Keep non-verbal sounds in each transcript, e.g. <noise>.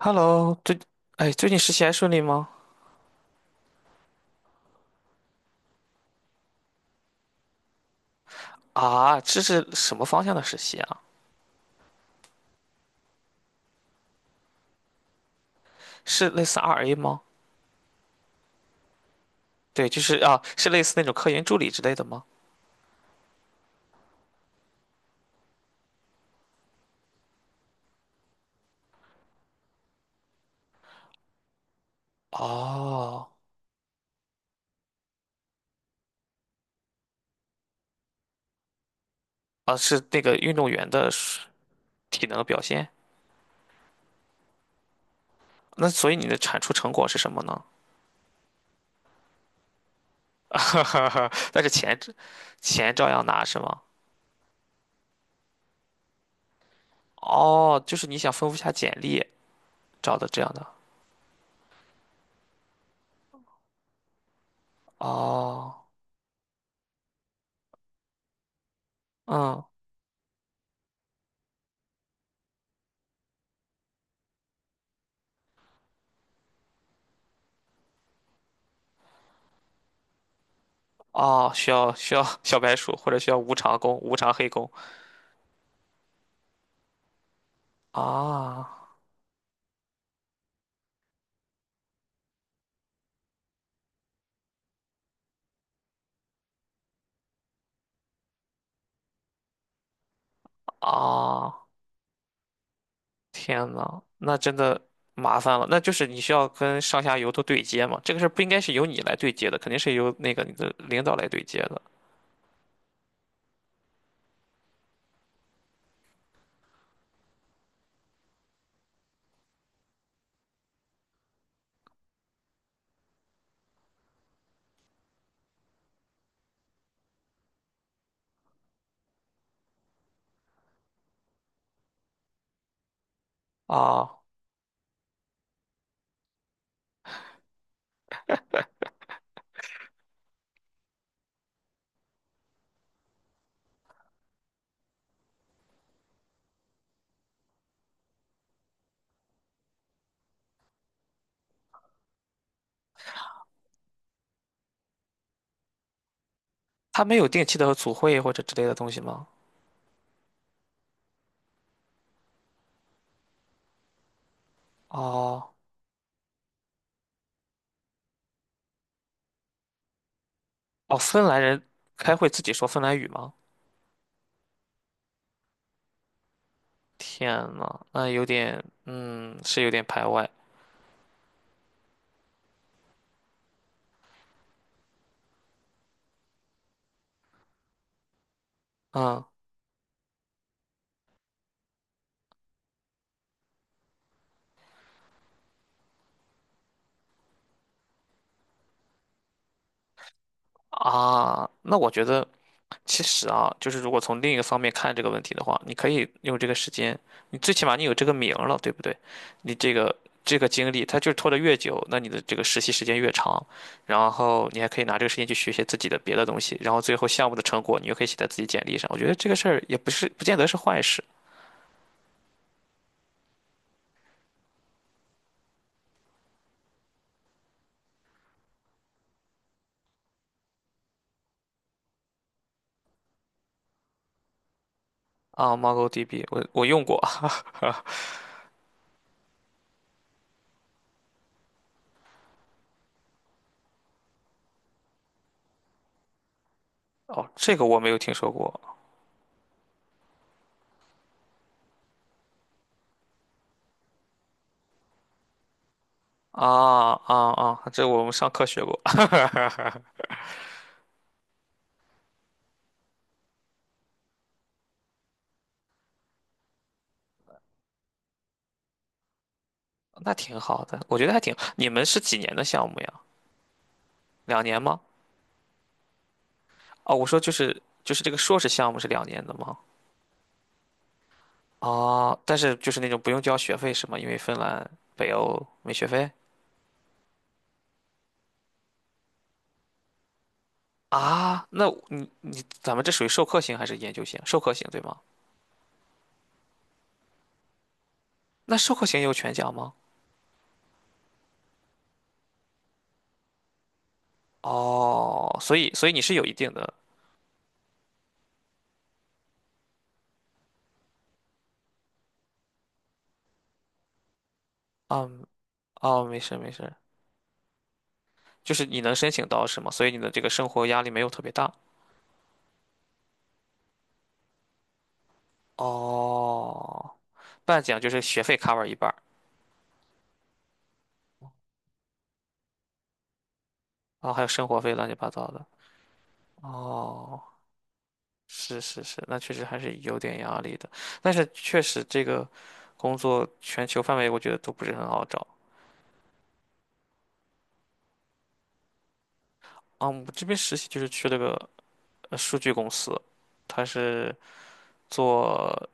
Hello，哎，最近实习还顺利吗？啊，这是什么方向的实习啊？是类似 RA 吗？对，就是啊，是类似那种科研助理之类的吗？哦，啊，是那个运动员的体能表现。那所以你的产出成果是什么呢？<laughs> 但是钱照样拿是吗？哦，就是你想丰富一下简历，找的这样的。哦，嗯，哦，需要小白鼠，或者需要无偿工、无偿黑工啊。啊，天呐，那真的麻烦了。那就是你需要跟上下游都对接嘛，这个事儿不应该是由你来对接的，肯定是由那个你的领导来对接的。啊，他没有定期的组会或者之类的东西吗？哦，哦，芬兰人开会自己说芬兰语吗？天呐，那有点，是有点排外。嗯啊，那我觉得。其实啊，就是如果从另一个方面看这个问题的话，你可以用这个时间，你最起码你有这个名儿了，对不对？你这个经历，它就是拖得越久，那你的这个实习时间越长，然后你还可以拿这个时间去学一些自己的别的东西，然后最后项目的成果你又可以写在自己简历上。我觉得这个事儿也不是不见得是坏事啊。MongoDB 我用过，哦，这个我没有听说过啊啊啊，这我们上课学过，<laughs> 那挺好的，我觉得还挺。你们是几年的项目呀？两年吗？哦，我说就是这个硕士项目是两年的吗？哦，但是就是那种不用交学费是吗？因为芬兰、北欧没学费啊。那你咱们这属于授课型还是研究型？授课型对吗？那授课型有全奖吗？哦，所以你是有一定的，嗯，哦，没事没事，就是你能申请到是吗？所以你的这个生活压力没有特别大。哦，半奖就是学费 cover 一半儿，然后还有生活费乱七八糟的。哦。是是是，那确实还是有点压力的。但是确实这个工作全球范围我觉得都不是很好找啊。我这边实习就是去了个数据公司，他是做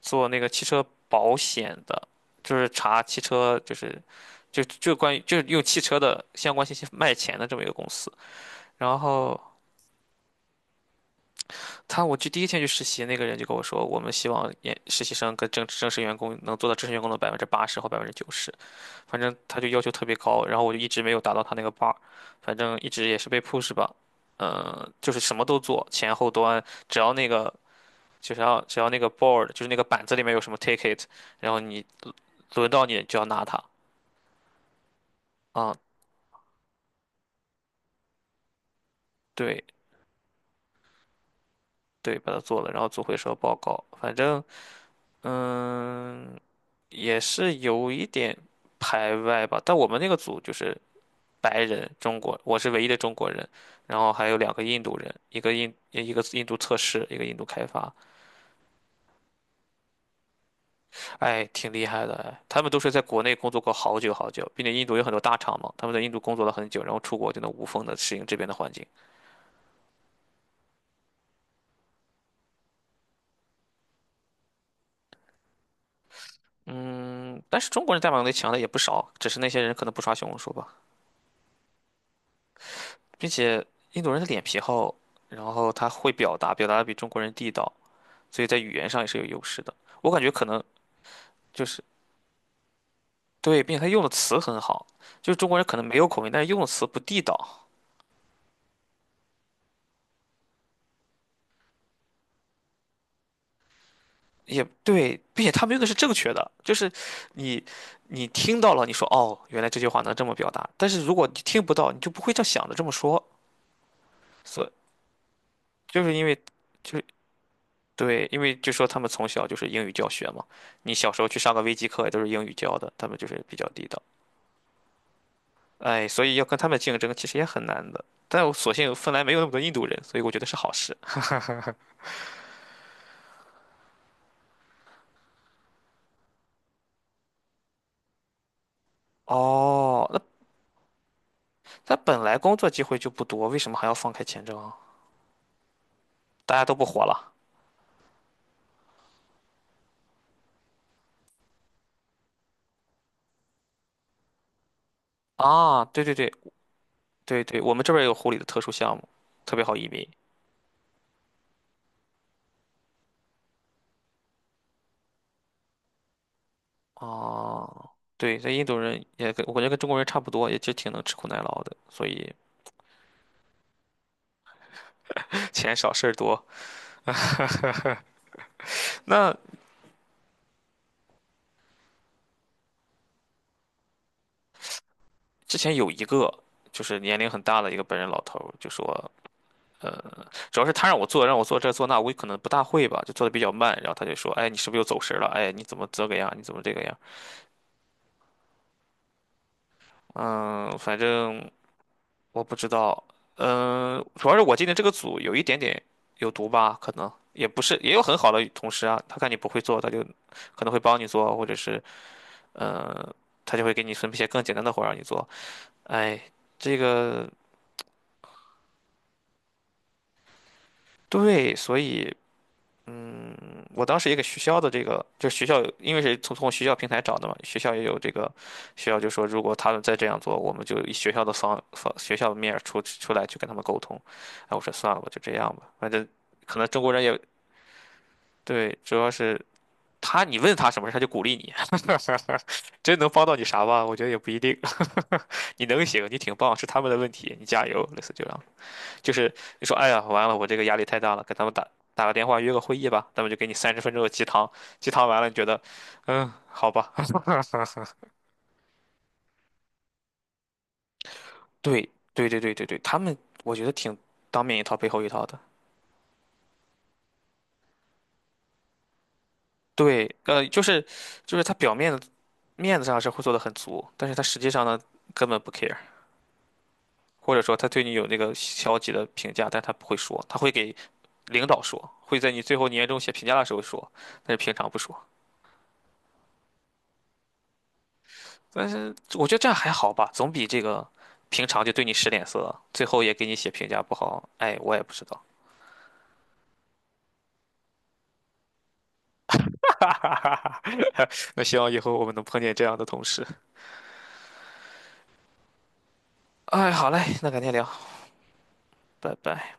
做那个汽车保险的，就是查汽车就是就关于就是用汽车的相关信息卖钱的这么一个公司。然后我去第一天去实习，那个人就跟我说，我们希望实习生跟正式员工能做到正式员工的80%或90%。反正他就要求特别高，然后我就一直没有达到他那个 bar，反正一直也是被 push 吧，嗯、就是什么都做，前后端，只要那个只要那个 board，就是那个板子里面有什么 ticket，然后你轮到你就要拿它，啊、对对，把它做了，然后做回收报告，反正嗯、也是有一点排外吧，但我们那个组就是。白人，中国，我是唯一的中国人，然后还有两个印度人，一个印度测试，一个印度开发，哎，挺厉害的，哎，他们都是在国内工作过好久好久，并且印度有很多大厂嘛，他们在印度工作了很久，然后出国就能无缝的适应这边的环境。嗯，但是中国人代码能力强的也不少，只是那些人可能不刷小红书吧，并且印度人的脸皮厚，然后他会表达，表达的比中国人地道，所以在语言上也是有优势的。我感觉可能就是。对，并且他用的词很好，就是中国人可能没有口音，但是用的词不地道，也对，并且他们用的是正确的，就是你你听到了，你说哦，原来这句话能这么表达，但是如果你听不到，你就不会这样想着这么说，所以就是因为就是对，因为就说他们从小就是英语教学嘛，你小时候去上个微机课也都是英语教的，他们就是比较地道，哎，所以要跟他们竞争其实也很难的，但我所幸芬兰没有那么多印度人，所以我觉得是好事。哦，那他本来工作机会就不多，为什么还要放开签证啊？大家都不活了啊！对对对对对，我们这边儿有护理的特殊项目，特别好移民。啊！对，这印度人也跟我感觉跟中国人差不多，也就挺能吃苦耐劳的，所以 <laughs> 钱少事儿多。那之前有一个就是年龄很大的一个本人老头儿就说，主要是他让我做，让我做这做那，我可能不大会吧，就做的比较慢。然后他就说，哎，你是不是又走神儿了？哎，你怎么这个样？你怎么这个样？嗯，反正。我不知道，嗯，主要是我进的这个组有一点点有毒吧，可能也不是，也有很好的同事啊，他看你不会做，他就可能会帮你做，或者是呃，他就会给你分配一些更简单的活儿让你做。哎，这个对，所以我当时也给学校的这个，就是学校因为是从学校平台找的嘛，学校也有这个，学校就说如果他们再这样做，我们就以学校的方方学校的面儿出来去跟他们沟通。哎，我说算了吧，就这样吧，反正。可能中国人也对，主要是他，你问他什么事，他就鼓励你，<laughs> 真能帮到你啥吧？我觉得也不一定。<laughs> 你能行，你挺棒，是他们的问题，你加油，类似这样。就是你说，哎呀，完了，我这个压力太大了，给他们打个电话，约个会议吧，他们就给你30分钟的鸡汤，鸡汤完了，你觉得，嗯，好吧。<laughs> 对，对，对，对，对，对，他们我觉得挺当面一套背后一套的。对，就是他表面的面子上是会做的很足，但是他实际上呢，根本不 care。或者说他对你有那个消极的评价，但他不会说，他会给领导说，会在你最后年终写评价的时候说，但是平常不说。但是我觉得这样还好吧，总比这个平常就对你使脸色，最后也给你写评价不好。哎，我也不知道。那希望以后我们能碰见这样的同事。哎，好嘞，那改天聊，拜拜。